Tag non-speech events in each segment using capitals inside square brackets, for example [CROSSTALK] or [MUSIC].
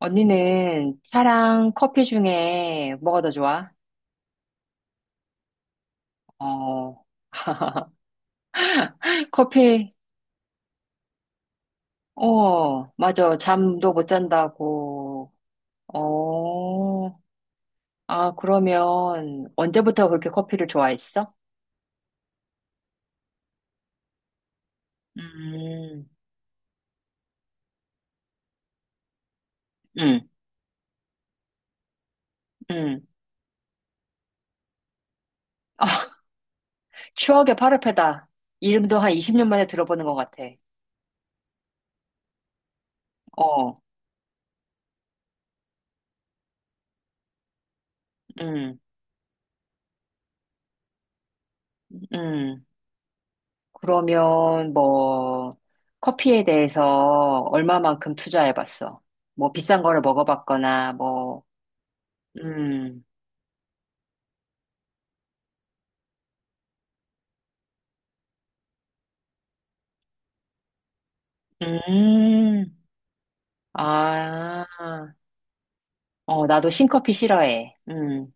언니는 차랑 커피 중에 뭐가 더 좋아? 어, 커피, 어, 맞아. 잠도 못 잔다고. 어, 아, 그러면 언제부터 그렇게 커피를 좋아했어? 음, 음, 음. 아, 추억의 파르페다. 이름도 한 20년 만에 들어보는 것 같아. 어, 음, 음. 그러면 뭐 커피에 대해서 얼마만큼 투자해봤어? 뭐 비싼 거를 먹어봤거나 뭐 음, 음, 아, 어, 나도 신커피 싫어해.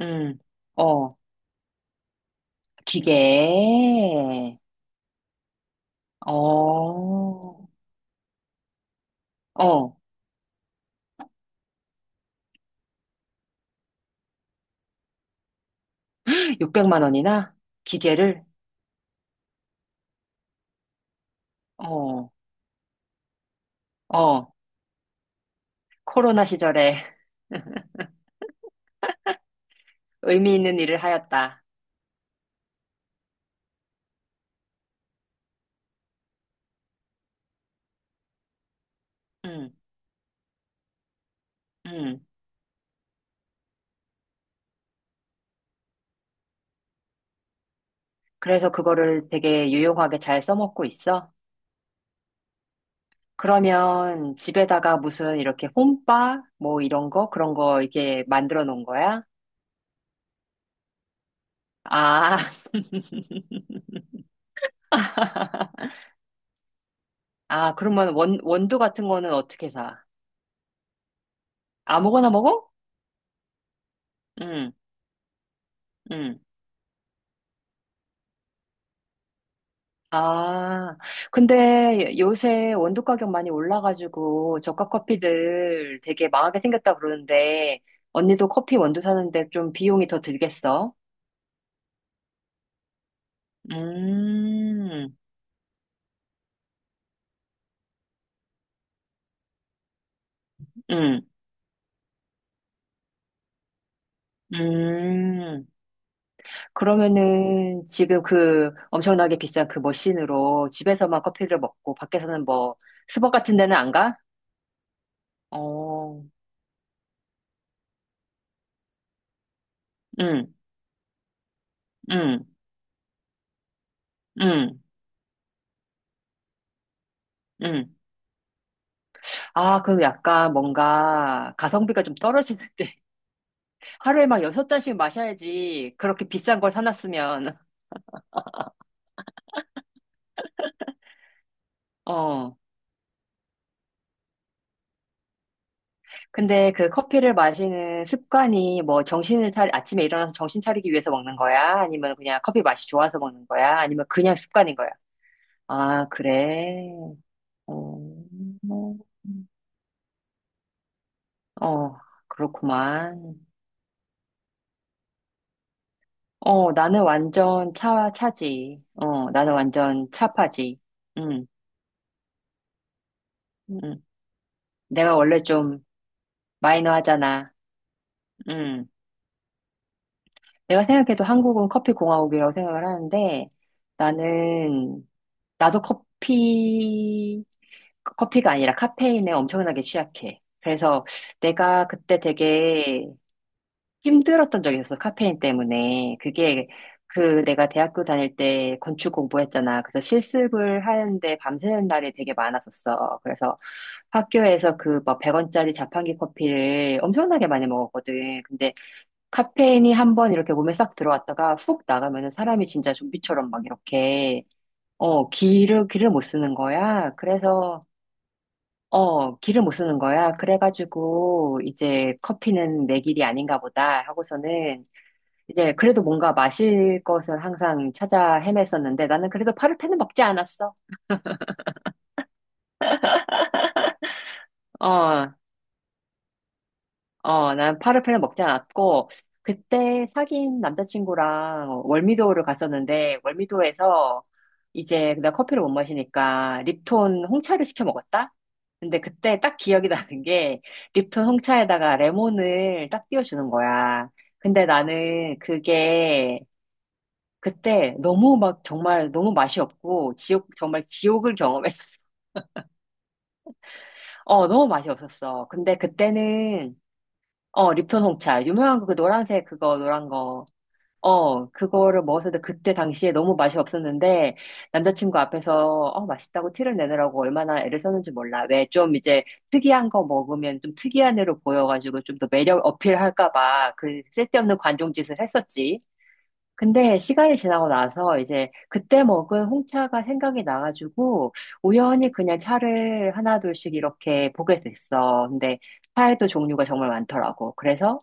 음, 어, 기계, 어, 어, 600만 원이나 기계를, 어, 어, 코로나 시절에 [LAUGHS] 의미 있는 일을 하였다. 음 음, 그래서 그거를 되게 유용하게 잘 써먹고 있어. 그러면 집에다가 무슨 이렇게 홈바 뭐 이런 거 그런 거 이렇게 만들어 놓은 거야? 아, [LAUGHS] 아 그러면 원 원두 같은 거는 어떻게 사? 아무거나 먹어? 응, 응. 아, 근데 요새 원두 가격 많이 올라가지고 저가 커피들 되게 망하게 생겼다 그러는데 언니도 커피 원두 사는데 좀 비용이 더 들겠어? 음, 응. 음, 그러면은 지금 그 엄청나게 비싼 그 머신으로 집에서만 커피를 먹고 밖에서는 뭐 스벅 같은 데는 안 가? 어, 응, 응, 응, 응. 아, 그럼 약간 뭔가 가성비가 좀 떨어지는데 [LAUGHS] 하루에 막 여섯 잔씩 마셔야지 그렇게 비싼 걸 사놨으면. 어, 근데 그 커피를 마시는 습관이 뭐 정신을 차리, 아침에 일어나서 정신 차리기 위해서 먹는 거야? 아니면 그냥 커피 맛이 좋아서 먹는 거야? 아니면 그냥 습관인 거야? 아, 그래. 어, 어, 그렇구만. 어, 나는 완전 차, 차지. 어, 나는 완전 차파지. 응, 응. 내가 원래 좀 마이너하잖아. 응. 내가 생각해도 한국은 커피 공화국이라고 생각을 하는데, 나는, 나도 커피, 커피가 아니라 카페인에 엄청나게 취약해. 그래서 내가 그때 되게 힘들었던 적이 있었어, 카페인 때문에. 그게 그 내가 대학교 다닐 때 건축 공부했잖아. 그래서 실습을 하는데 밤새는 날이 되게 많았었어. 그래서 학교에서 그 막 100원짜리 자판기 커피를 엄청나게 많이 먹었거든. 근데 카페인이 한 번 이렇게 몸에 싹 들어왔다가 훅 나가면은 사람이 진짜 좀비처럼 막 이렇게 어, 기를 못 쓰는 거야. 그래서 어, 기를 못 쓰는 거야. 그래가지고, 이제 커피는 내 길이 아닌가 보다 하고서는 이제 그래도 뭔가 마실 것은 항상 찾아 헤맸었는데 나는 그래도 파르페는 먹지 않았어. 어, 어, 난 파르페는 먹지 않았고 그때 사귄 남자친구랑 월미도를 갔었는데 월미도에서 이제 내가 커피를 못 마시니까 립톤 홍차를 시켜 먹었다? 근데 그때 딱 기억이 나는 게 립톤 홍차에다가 레몬을 딱 띄워주는 거야. 근데 나는 그게 그때 너무 막 정말 너무 맛이 없고 지옥 정말 지옥을 경험했었어. [LAUGHS] 어, 너무 맛이 없었어. 근데 그때는 어, 립톤 홍차 유명한 그 노란색 그거 노란 거. 어, 그거를 먹었는데 그때 당시에 너무 맛이 없었는데 남자친구 앞에서 어, 맛있다고 티를 내느라고 얼마나 애를 썼는지 몰라. 왜 좀 이제 특이한 거 먹으면 좀 특이한 애로 보여가지고 좀 더 매력 어필할까 봐 그 쓸데없는 관종짓을 했었지. 근데 시간이 지나고 나서 이제 그때 먹은 홍차가 생각이 나가지고 우연히 그냥 차를 하나둘씩 이렇게 보게 됐어. 근데 차에도 종류가 정말 많더라고. 그래서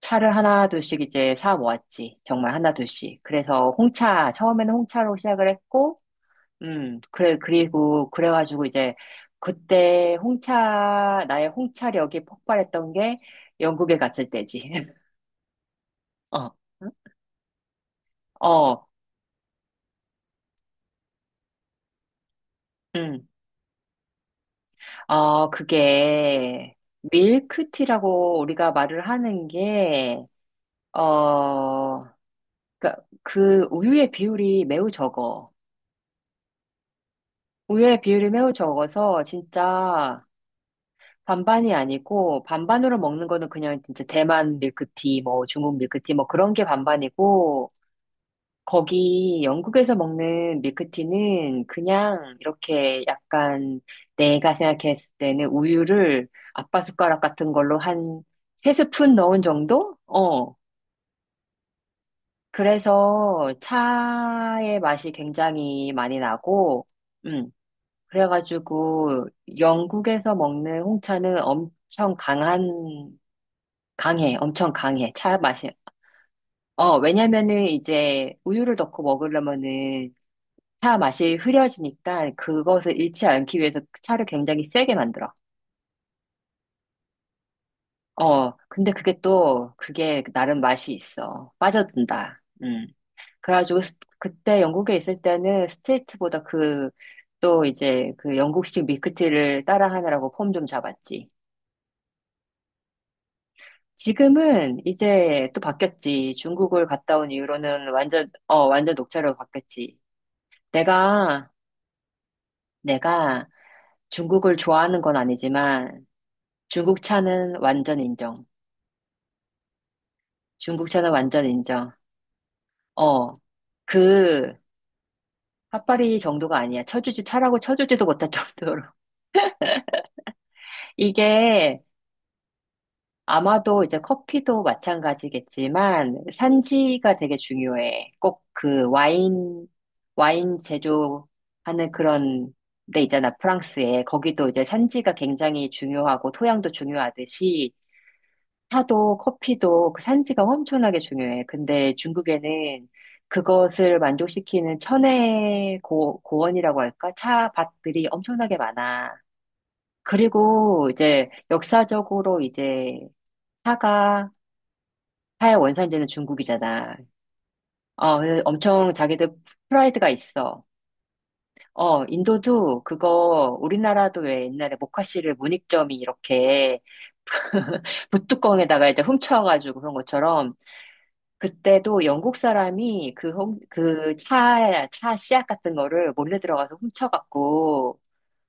차를 하나둘씩 이제 사 모았지. 정말 하나둘씩. 그래서 홍차, 처음에는 홍차로 시작을 했고, 그래, 그리고 그래가지고 이제 그때 홍차, 나의 홍차력이 폭발했던 게 영국에 갔을 때지. [LAUGHS] 어, 어, 음. 어, 그게 밀크티라고 우리가 말을 하는 게, 어, 그그 우유의 비율이 매우 적어. 우유의 비율이 매우 적어서 진짜 반반이 아니고 반반으로 먹는 거는 그냥 진짜 대만 밀크티, 뭐 중국 밀크티, 뭐 그런 게 반반이고 거기 영국에서 먹는 밀크티는 그냥 이렇게 약간 내가 생각했을 때는 우유를 아빠 숟가락 같은 걸로 한 세 스푼 넣은 정도? 어. 그래서 차의 맛이 굉장히 많이 나고, 음. 그래가지고 영국에서 먹는 홍차는 엄청 강한, 강해. 엄청 강해. 차 맛이. 어, 왜냐면은 이제 우유를 넣고 먹으려면은 차 맛이 흐려지니까 그것을 잃지 않기 위해서 그 차를 굉장히 세게 만들어. 어, 근데 그게 또, 그게 나름 맛이 있어. 빠져든다. 음. 그래가지고 스- 그때 영국에 있을 때는 스트레이트보다 그, 또 이제 그 영국식 밀크티를 따라하느라고 폼 좀 잡았지. 지금은 이제 또 바뀌었지. 중국을 갔다 온 이후로는 완전, 어, 완전 녹차로 바뀌었지. 내가, 내가 중국을 좋아하는 건 아니지만, 중국차는 완전 인정. 중국차는 완전 인정. 어, 그, 핫바리 정도가 아니야. 쳐주지, 차라고 쳐주지도 못할 정도로. [LAUGHS] 이게 아마도 이제 커피도 마찬가지겠지만, 산지가 되게 중요해. 꼭 그 와인, 와인 제조하는 그런 데 있잖아. 프랑스에. 거기도 이제 산지가 굉장히 중요하고, 토양도 중요하듯이, 차도 커피도 그 산지가 엄청나게 중요해. 근데 중국에는 그것을 만족시키는 천혜 고, 고원이라고 할까? 차밭들이 엄청나게 많아. 그리고 이제 역사적으로 이제 차가 차의 원산지는 중국이잖아. 어, 그래서 엄청 자기들 프라이드가 있어. 어, 인도도 그거 우리나라도 왜 옛날에 모카씨를 문익점이 이렇게 [LAUGHS] 붓뚜껑에다가 이제 훔쳐가지고 그런 것처럼 그때도 영국 사람이 그, 홈, 그 차, 차 씨앗 같은 거를 몰래 들어가서 훔쳐갖고,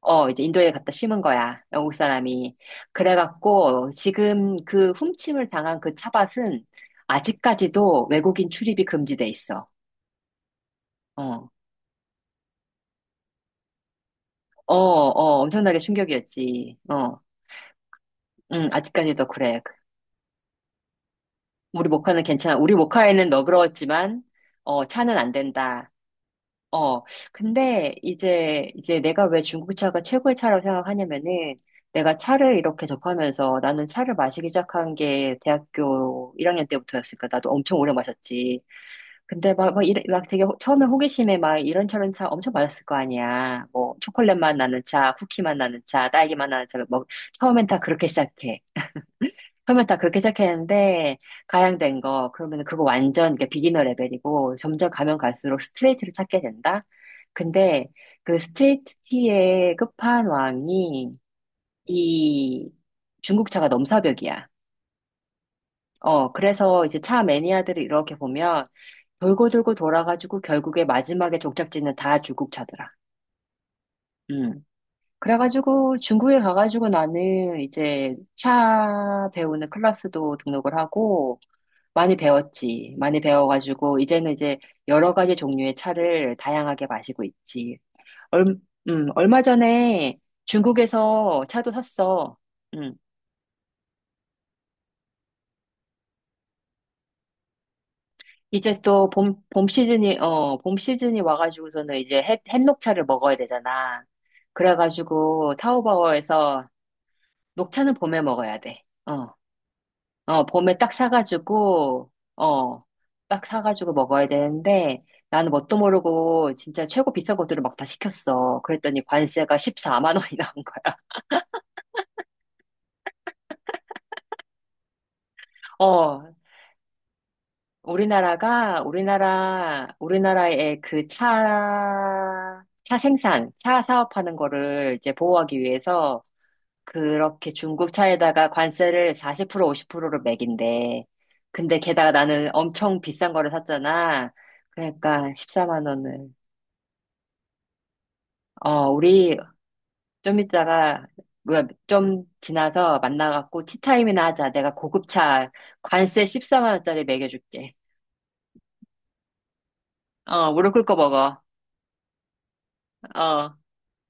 어, 이제 인도에 갖다 심은 거야. 영국 사람이. 그래갖고, 지금 그 훔침을 당한 그 차밭은 아직까지도 외국인 출입이 금지돼 있어. 어, 어, 어, 엄청나게 충격이었지. 어, 응, 아직까지도 그래. 우리 모카는 괜찮아. 우리 모카에는 너그러웠지만, 어, 차는 안 된다. 어, 근데 이제 내가 왜 중국차가 최고의 차라고 생각하냐면은 내가 차를 이렇게 접하면서 나는 차를 마시기 시작한 게 대학교 1학년 때부터였으니까 나도 엄청 오래 마셨지. 근데 막, 막, 이래- 막 되게 호- 처음에 호기심에 막 이런저런 차 엄청 마셨을 거 아니야. 뭐 초콜릿 맛 나는 차, 쿠키 맛 나는 차, 딸기 맛 나는 차, 뭐 처음엔 다 그렇게 시작해. 처음에 다 그렇게 시작했는데 가양된 거 그러면 그거 완전 이게 비기너 레벨이고 점점 가면 갈수록 스트레이트를 찾게 된다. 근데 그 스트레이트의 티 끝판왕이 이 중국차가 넘사벽이야. 어 그래서 이제 차 매니아들을 이렇게 보면 돌고 돌고 돌아가지고 결국에 마지막에 종착지는 다 중국차더라. 음. 그래가지고 중국에 가가지고 나는 이제 차 배우는 클래스도 등록을 하고 많이 배웠지. 많이 배워가지고, 이제는 이제 여러 가지 종류의 차를 다양하게 마시고 있지. 얼, 얼마 전에 중국에서 차도 샀어. 음. 이제 또 봄 시즌이, 어, 봄 시즌이 와가지고서는 이제 햇, 햇녹차를 먹어야 되잖아. 그래가지고 타오바오에서 녹차는 봄에 먹어야 돼. 어. 어, 봄에 딱 사가지고, 어, 딱 사가지고 먹어야 되는데, 나는 뭣도 모르고 진짜 최고 비싼 것들을 막 다 시켰어. 그랬더니 관세가 14만 원이 나온 거야. [LAUGHS] 어, 우리나라의 그 차, 차 생산, 차 사업하는 거를 이제 보호하기 위해서 그렇게 중국 차에다가 관세를 40% 50%로 매긴대. 근데 게다가 나는 엄청 비싼 거를 샀잖아. 그러니까 14만 원을. 어, 우리 좀 이따가, 뭐야, 좀 지나서 만나갖고 티타임이나 하자. 내가 고급차 관세 14만 원짜리 먹여줄게. 어, 무릎 꿇고 먹어. 어.